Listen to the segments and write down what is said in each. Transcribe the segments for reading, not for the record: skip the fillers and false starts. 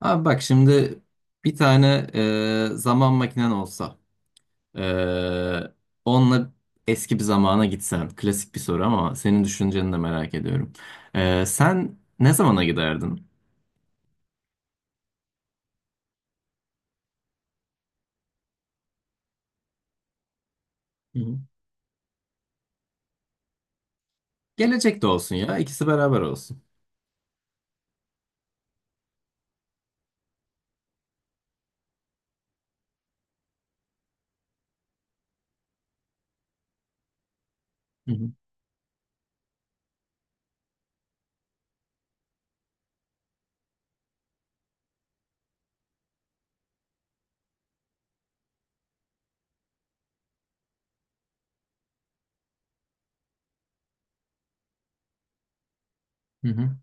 Abi bak şimdi bir tane zaman makinen olsa e, onunla eski bir zamana gitsen klasik bir soru ama senin düşünceni de merak ediyorum. Sen ne zamana giderdin? Hı hı, gelecek de olsun ya ikisi beraber olsun. Hı hı, hı hı.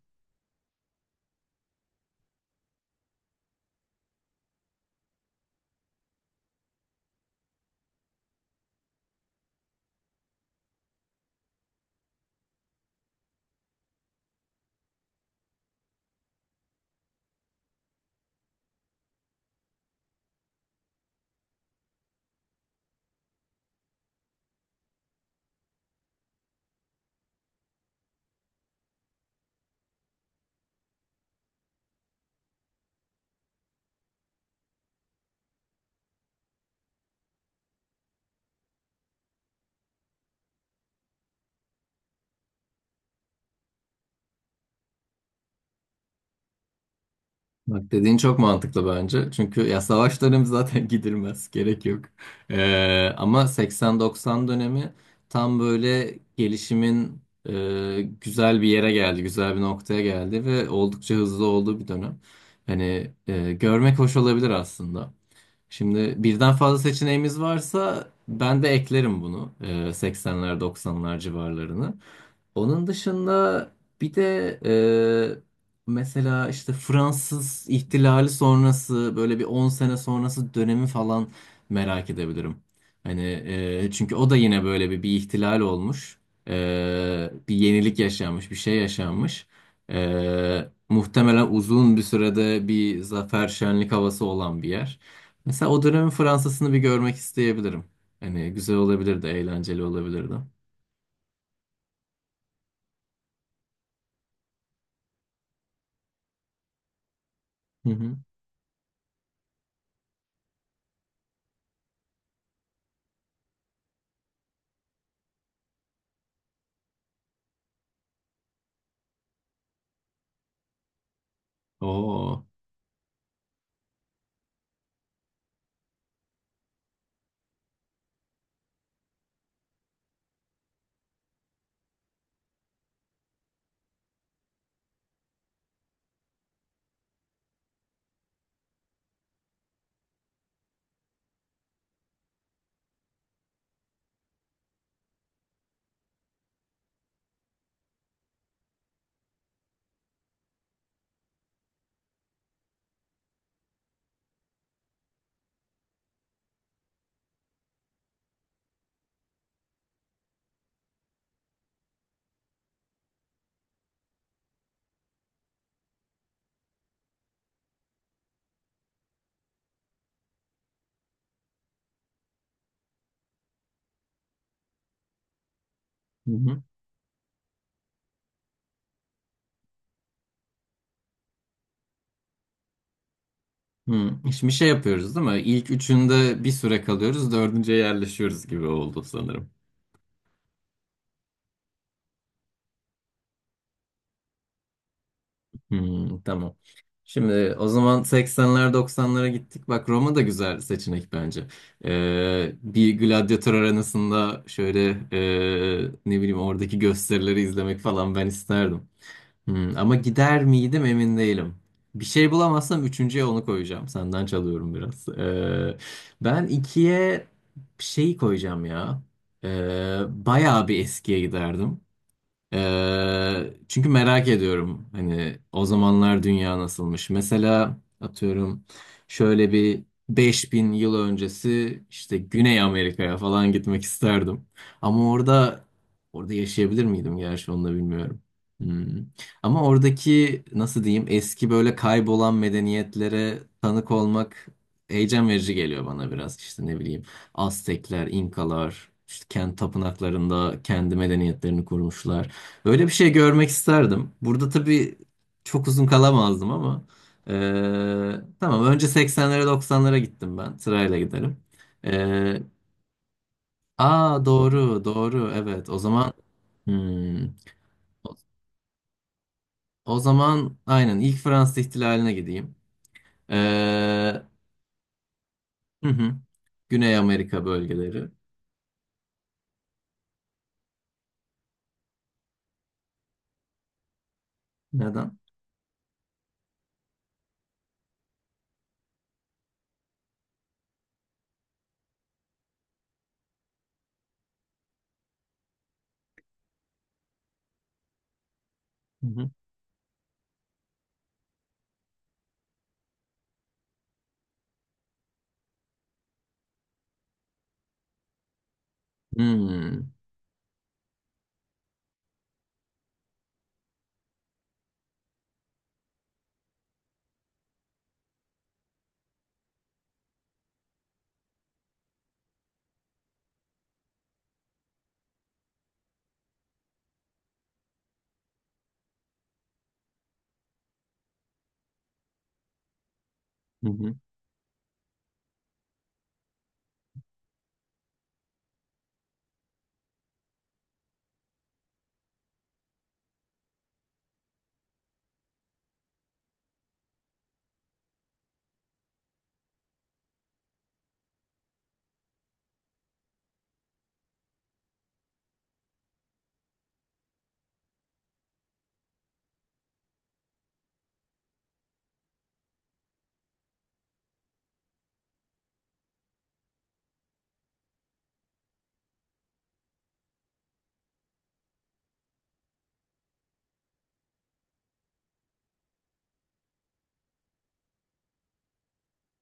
Bak dediğin çok mantıklı bence. Çünkü ya savaş dönemi zaten gidilmez. Gerek yok. Ama 80-90 dönemi tam böyle gelişimin güzel bir yere geldi. Güzel bir noktaya geldi ve oldukça hızlı olduğu bir dönem. Hani görmek hoş olabilir aslında. Şimdi birden fazla seçeneğimiz varsa ben de eklerim bunu. 80'ler 90'lar civarlarını. Onun dışında bir de mesela işte Fransız ihtilali sonrası böyle bir 10 sene sonrası dönemi falan merak edebilirim. Hani çünkü o da yine böyle bir ihtilal olmuş. Bir yenilik yaşanmış, bir şey yaşanmış. Muhtemelen uzun bir sürede bir zafer şenlik havası olan bir yer. Mesela o dönemin Fransa'sını bir görmek isteyebilirim. Hani güzel olabilirdi, eğlenceli olabilirdi. Hı hı. Oo. Hmm. Şimdi şey yapıyoruz değil mi? İlk üçünde bir süre kalıyoruz, dördüncüye yerleşiyoruz gibi oldu sanırım. Hmm, tamam. Şimdi o zaman 80'ler 90'lara gittik. Bak Roma da güzel seçenek bence. Bir gladyatör arenasında şöyle ne bileyim oradaki gösterileri izlemek falan ben isterdim. Ama gider miydim emin değilim. Bir şey bulamazsam üçüncüye onu koyacağım. Senden çalıyorum biraz. Ben ikiye şeyi koyacağım ya. Bayağı bir eskiye giderdim. Çünkü merak ediyorum hani o zamanlar dünya nasılmış. Mesela atıyorum şöyle bir 5.000 yıl öncesi işte Güney Amerika'ya falan gitmek isterdim. Ama orada yaşayabilir miydim gerçi onu da bilmiyorum. Hmm. Ama oradaki nasıl diyeyim eski böyle kaybolan medeniyetlere tanık olmak heyecan verici geliyor bana biraz işte ne bileyim Aztekler, İnkalar, işte kendi tapınaklarında kendi medeniyetlerini kurmuşlar. Böyle bir şey görmek isterdim. Burada tabii çok uzun kalamazdım ama tamam önce 80'lere 90'lara gittim ben. Sırayla giderim. Eee Aa, doğru doğru, evet, o zaman, hmm, o, o zaman aynen ilk Fransız ihtilaline gideyim. Eee, hı hı, Güney Amerika bölgeleri. Neden? Hı hı. Hmm, hı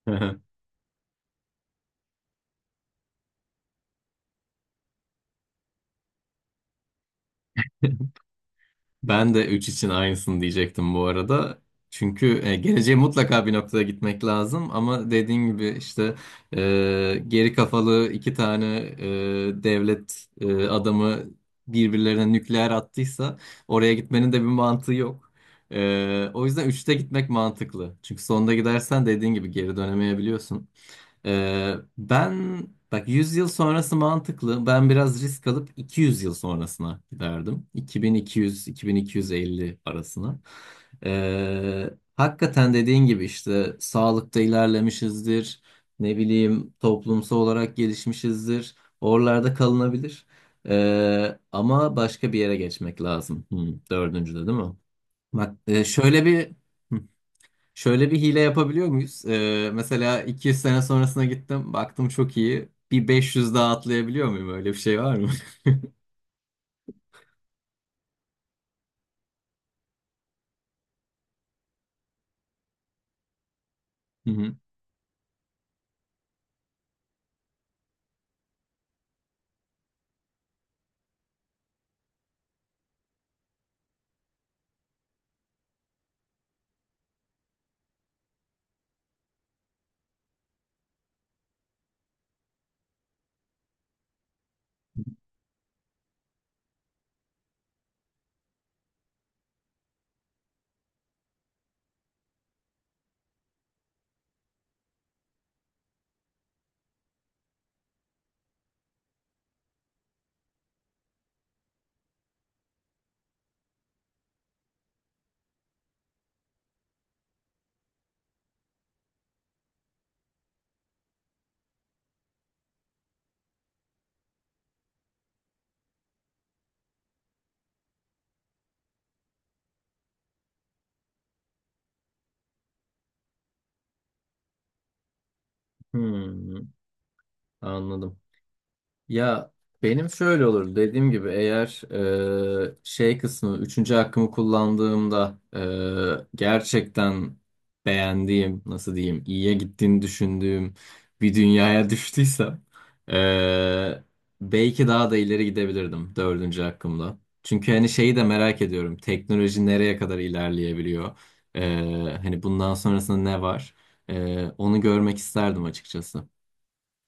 hı. Ben de 3 için aynısını diyecektim bu arada. Çünkü geleceğe mutlaka bir noktada gitmek lazım ama dediğin gibi işte geri kafalı iki tane devlet adamı birbirlerine nükleer attıysa oraya gitmenin de bir mantığı yok. O yüzden üçte gitmek mantıklı. Çünkü sonda gidersen dediğin gibi geri dönemeyebiliyorsun. Ben bak 100 yıl sonrası mantıklı. Ben biraz risk alıp 200 yıl sonrasına giderdim. 2200-2250 arasına. Ee, Hakikaten dediğin gibi işte sağlıkta ilerlemişizdir. Ne bileyim toplumsal olarak gelişmişizdir. Oralarda kalınabilir. Ama başka bir yere geçmek lazım. Dördüncüde değil mi? Bak şöyle bir... Hı Şöyle bir hile yapabiliyor muyuz? Mesela 200 sene sonrasına gittim. Baktım çok iyi. Bir 500 daha atlayabiliyor muyum? Öyle bir şey var mı? Hı hı. Hmm, Anladım. Ya benim şöyle olur dediğim gibi eğer şey kısmı üçüncü hakkımı kullandığımda gerçekten beğendiğim nasıl diyeyim iyiye gittiğini düşündüğüm bir dünyaya düştüysem e, belki daha da ileri gidebilirdim dördüncü hakkımla. Çünkü hani şeyi de merak ediyorum teknoloji nereye kadar ilerleyebiliyor. E, Hani bundan sonrasında ne var? Onu görmek isterdim açıkçası.